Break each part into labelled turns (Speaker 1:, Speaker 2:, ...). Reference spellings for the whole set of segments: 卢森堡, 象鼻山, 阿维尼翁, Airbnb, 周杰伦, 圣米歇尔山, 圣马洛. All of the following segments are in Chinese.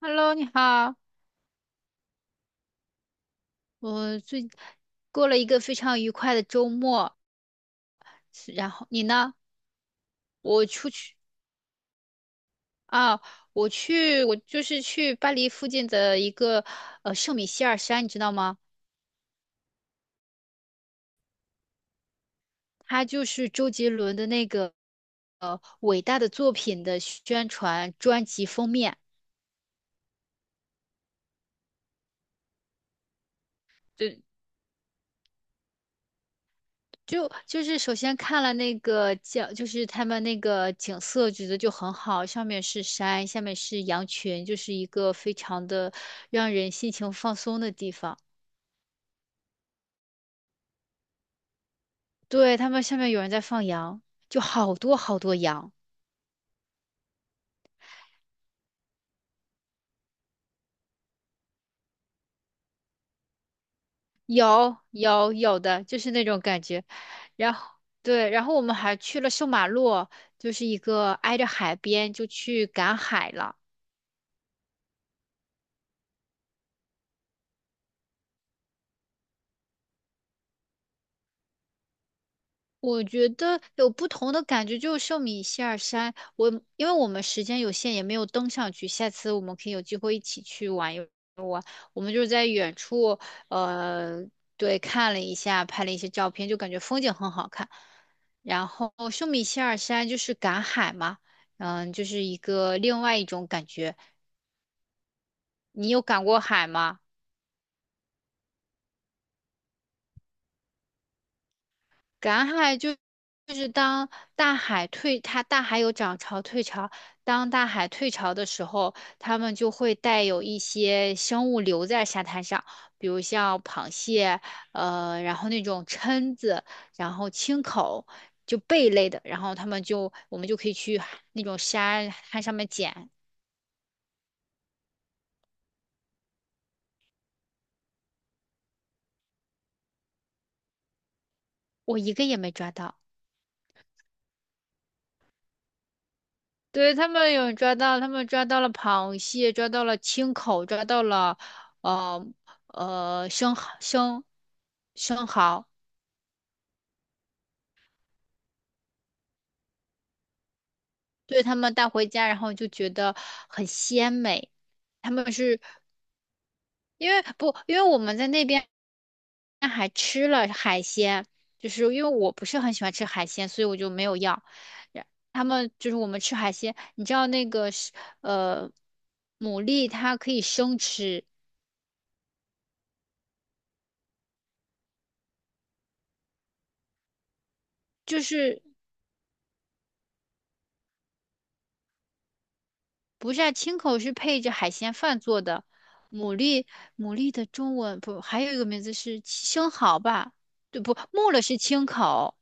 Speaker 1: Hello，你好，我最过了一个非常愉快的周末，是然后你呢？我出去啊，我去，我就是去巴黎附近的一个圣米歇尔山，你知道吗？它就是周杰伦的那个伟大的作品的宣传专辑封面，就就是首先看了那个景，就是他们那个景色，觉得就很好，上面是山，下面是羊群，就是一个非常的让人心情放松的地方。对，他们下面有人在放羊，就好多好多羊，有的，就是那种感觉。然后对，然后我们还去了圣马洛，就是一个挨着海边，就去赶海了。我觉得有不同的感觉，就是寿米希尔山。因为我们时间有限，也没有登上去。下次我们可以有机会一起去玩。我们就是在远处，呃，对，看了一下，拍了一些照片，就感觉风景很好看。然后寿米希尔山就是赶海嘛，嗯，就是一个另外一种感觉。你有赶过海吗？赶海就是当大海退，它大海有涨潮退潮。当大海退潮的时候，它们就会带有一些生物留在沙滩上，比如像螃蟹，然后那种蛏子，然后青口，就贝类的。然后他们就我们就可以去海那种沙滩上面捡，我一个也没抓到。对，他们有抓到，他们抓到了螃蟹，抓到了青口，抓到了呃呃生蚝生生蚝，对他们带回家，然后就觉得很鲜美。他们是因为不，因为我们在那边还吃了海鲜，就是因为我不是很喜欢吃海鲜，所以我就没有要。然他们就是我们吃海鲜，你知道那个是呃牡蛎它可以生吃，就是。不是啊，青口是配着海鲜饭做的，牡蛎牡蛎的中文不还有一个名字是生蚝吧？对不，木耳是青口，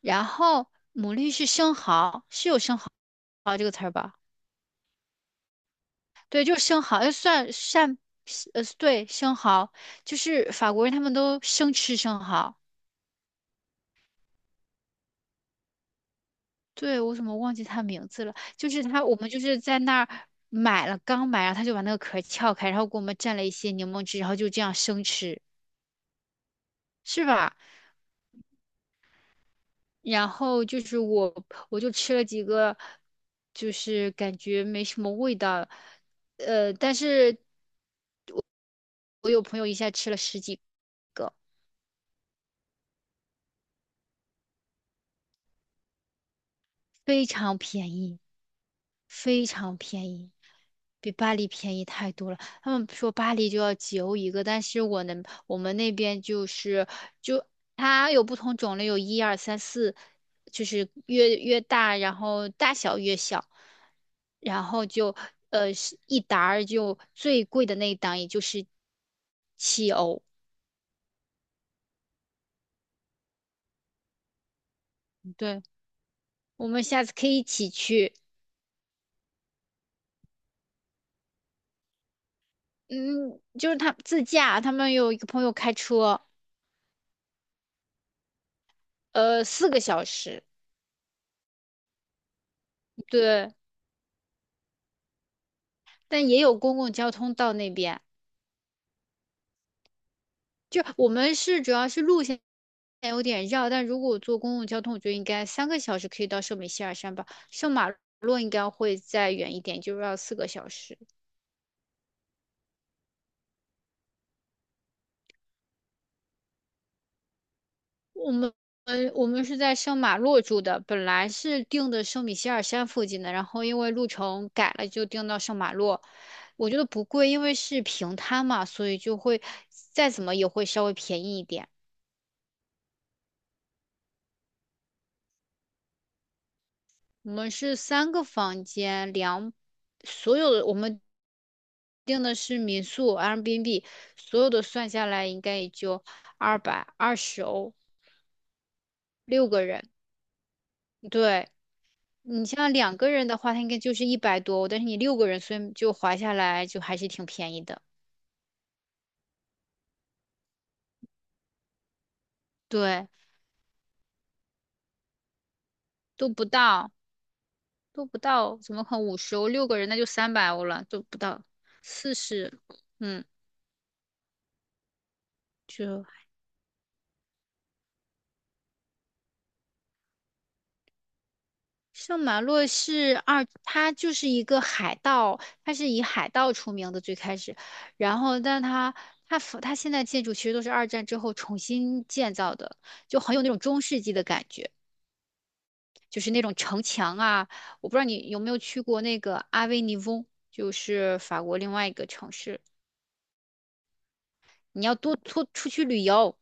Speaker 1: 然后牡蛎是生蚝，是有生蚝这个词儿吧？对，就是生蚝，要算扇对生蚝，就是法国人他们都生吃生蚝。对，我怎么忘记他名字了？就是他，我们就是在那儿买了，刚买，然后他就把那个壳撬开，然后给我们蘸了一些柠檬汁，然后就这样生吃，是吧？然后我就吃了几个，就是感觉没什么味道，但是我有朋友一下吃了十几个，非常便宜。非常便宜，比巴黎便宜太多了。他们说巴黎就要几欧一个，但是我能，我们那边就是就它有不同种类，有一二三四，就是越越大，然后大小越小，然后就是一沓儿就最贵的那一档也就是7欧。对，我们下次可以一起去。嗯，就是他自驾，他们有一个朋友开车，四个小时。对。但也有公共交通到那边。我们主要是路线有点绕，但如果我坐公共交通，我觉得应该3个小时可以到圣米歇尔山吧。圣马洛应该会再远一点，就是要四个小时。我们我们是在圣马洛住的，本来是定的圣米歇尔山附近的，然后因为路程改了，就定到圣马洛。我觉得不贵，因为是平摊嘛，所以就会再怎么也会稍微便宜一点。我们是三个房间，所有的订的是民宿 Airbnb，所有的算下来应该也就220欧，六个人。对，你像两个人的话，它应该就是100多欧但是你六个人，所以就划下来就还是挺便宜的。对，都不到，都不到，怎么可能50欧？六个人那就300欧了，都不到四十，四十嗯，就。圣马洛他就是一个海盗，他是以海盗出名的最开始，然后但他现在建筑其实都是二战之后重新建造的，就很有那种中世纪的感觉，就是那种城墙啊，我不知道你有没有去过那个阿维尼翁，就是法国另外一个城市，你要多出去旅游，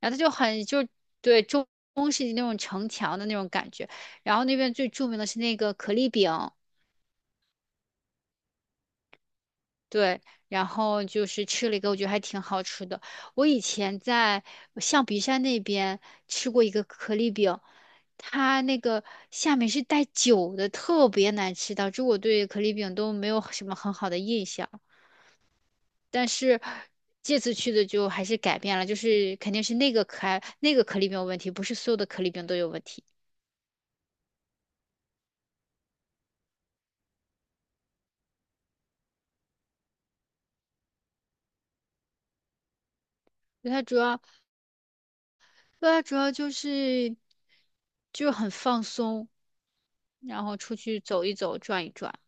Speaker 1: 然后他就很就对中世纪那种城墙的那种感觉，然后那边最著名的是那个可丽饼。对，然后就是吃了一个，我觉得还挺好吃的。我以前在象鼻山那边吃过一个可丽饼，它那个下面是带酒的，特别难吃，导致我对可丽饼都没有什么很好的印象。但是这次去的就还是改变了，就是肯定是那个可爱那个可丽饼有问题，不是所有的可丽饼都有问题。对它主要，对它主要就是就很放松，然后出去走一走，转一转。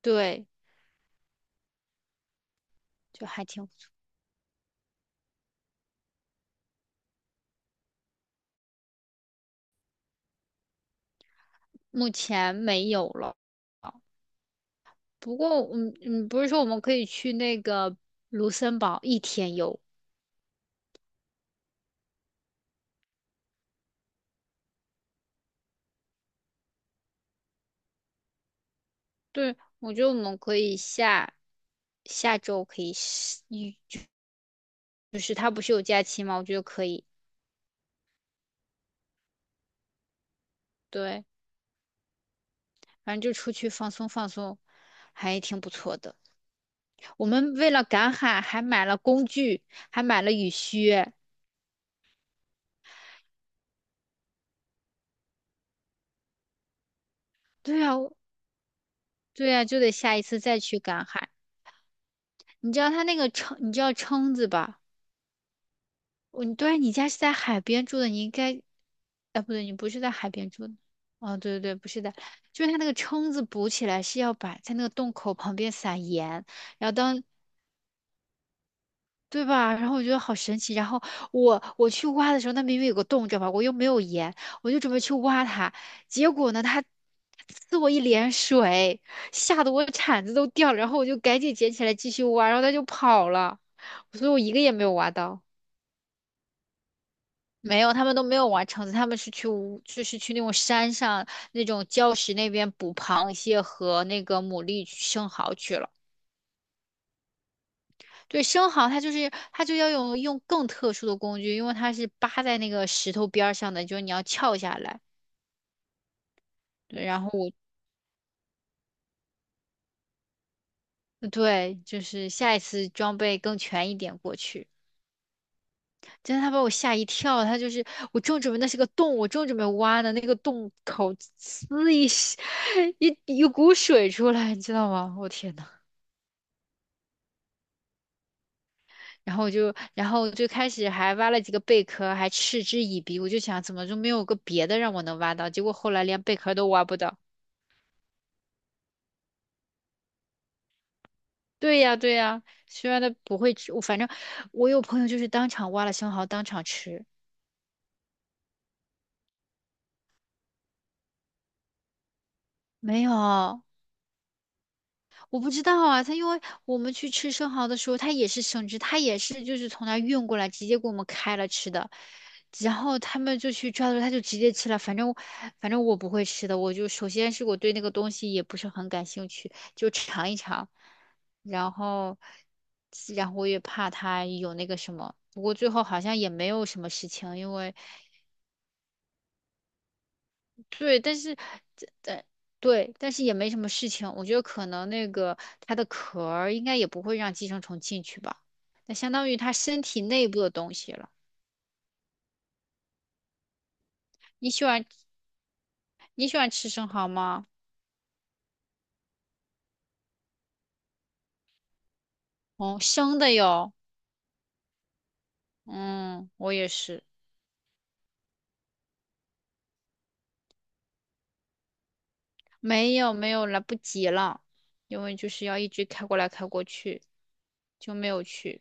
Speaker 1: 对，就还挺不错。目前没有了，不过不是说我们可以去那个卢森堡一天游，对，我觉得我们可以下周可以是，就是他不是有假期吗？我觉得可以，对，反正就出去放松放松，还挺不错的。我们为了赶海还买了工具，还买了雨靴。对呀，对呀，就得下一次再去赶海。你知道撑子吧？对，你家是在海边住的，你应该，哎，不对，你不是在海边住的。哦，对对对，不是的，就是它那个蛏子补起来是要把在那个洞口旁边撒盐，然后当对吧？然后我觉得好神奇。然后我去挖的时候，那明明有个洞，知道吧？我又没有盐，我就准备去挖它，结果呢，它呲我一脸水，吓得我铲子都掉了。然后我就赶紧捡起来继续挖，然后它就跑了，所以我一个也没有挖到。没有，他们都没有玩橙子，他们是去乌就是去那种山上那种礁石那边捕螃蟹和那个牡蛎、生蚝去了。对，生蚝它就是它就要用更特殊的工具，因为它是扒在那个石头边儿上的，就是你要撬下来。对，然后对，就是下一次装备更全一点过去。真的，他把我吓一跳，他就是我正准备挖的那个洞口呲一 一股水出来，你知道吗？我天呐！然后然后最开始还挖了几个贝壳，还嗤之以鼻。我就想，怎么就没有个别的让我能挖到？结果后来连贝壳都挖不到。对呀，对呀，虽然它不会吃，我反正我有朋友就是当场挖了生蚝，当场吃，没有。我不知道啊，他因为我们去吃生蚝的时候，他也是生吃，他也是就是从那儿运过来，直接给我们开了吃的。然后他们就去抓的时候，他就直接吃了。反正我不会吃的，我就首先是我对那个东西也不是很感兴趣，就尝一尝。然后然后我也怕他有那个什么，不过最后好像也没有什么事情。对，但是这对对，但是也没什么事情。我觉得可能那个它的壳儿应该也不会让寄生虫进去吧，那相当于它身体内部的东西了。你喜欢你喜欢吃生蚝吗？哦，生的哟。嗯，我也是。没有没有，来不及了，因为就是要一直开过来开过去，就没有去。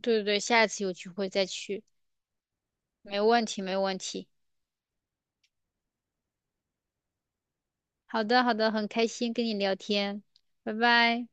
Speaker 1: 对对对，下一次有机会再去，没问题没问题。好的好的，很开心跟你聊天，拜拜。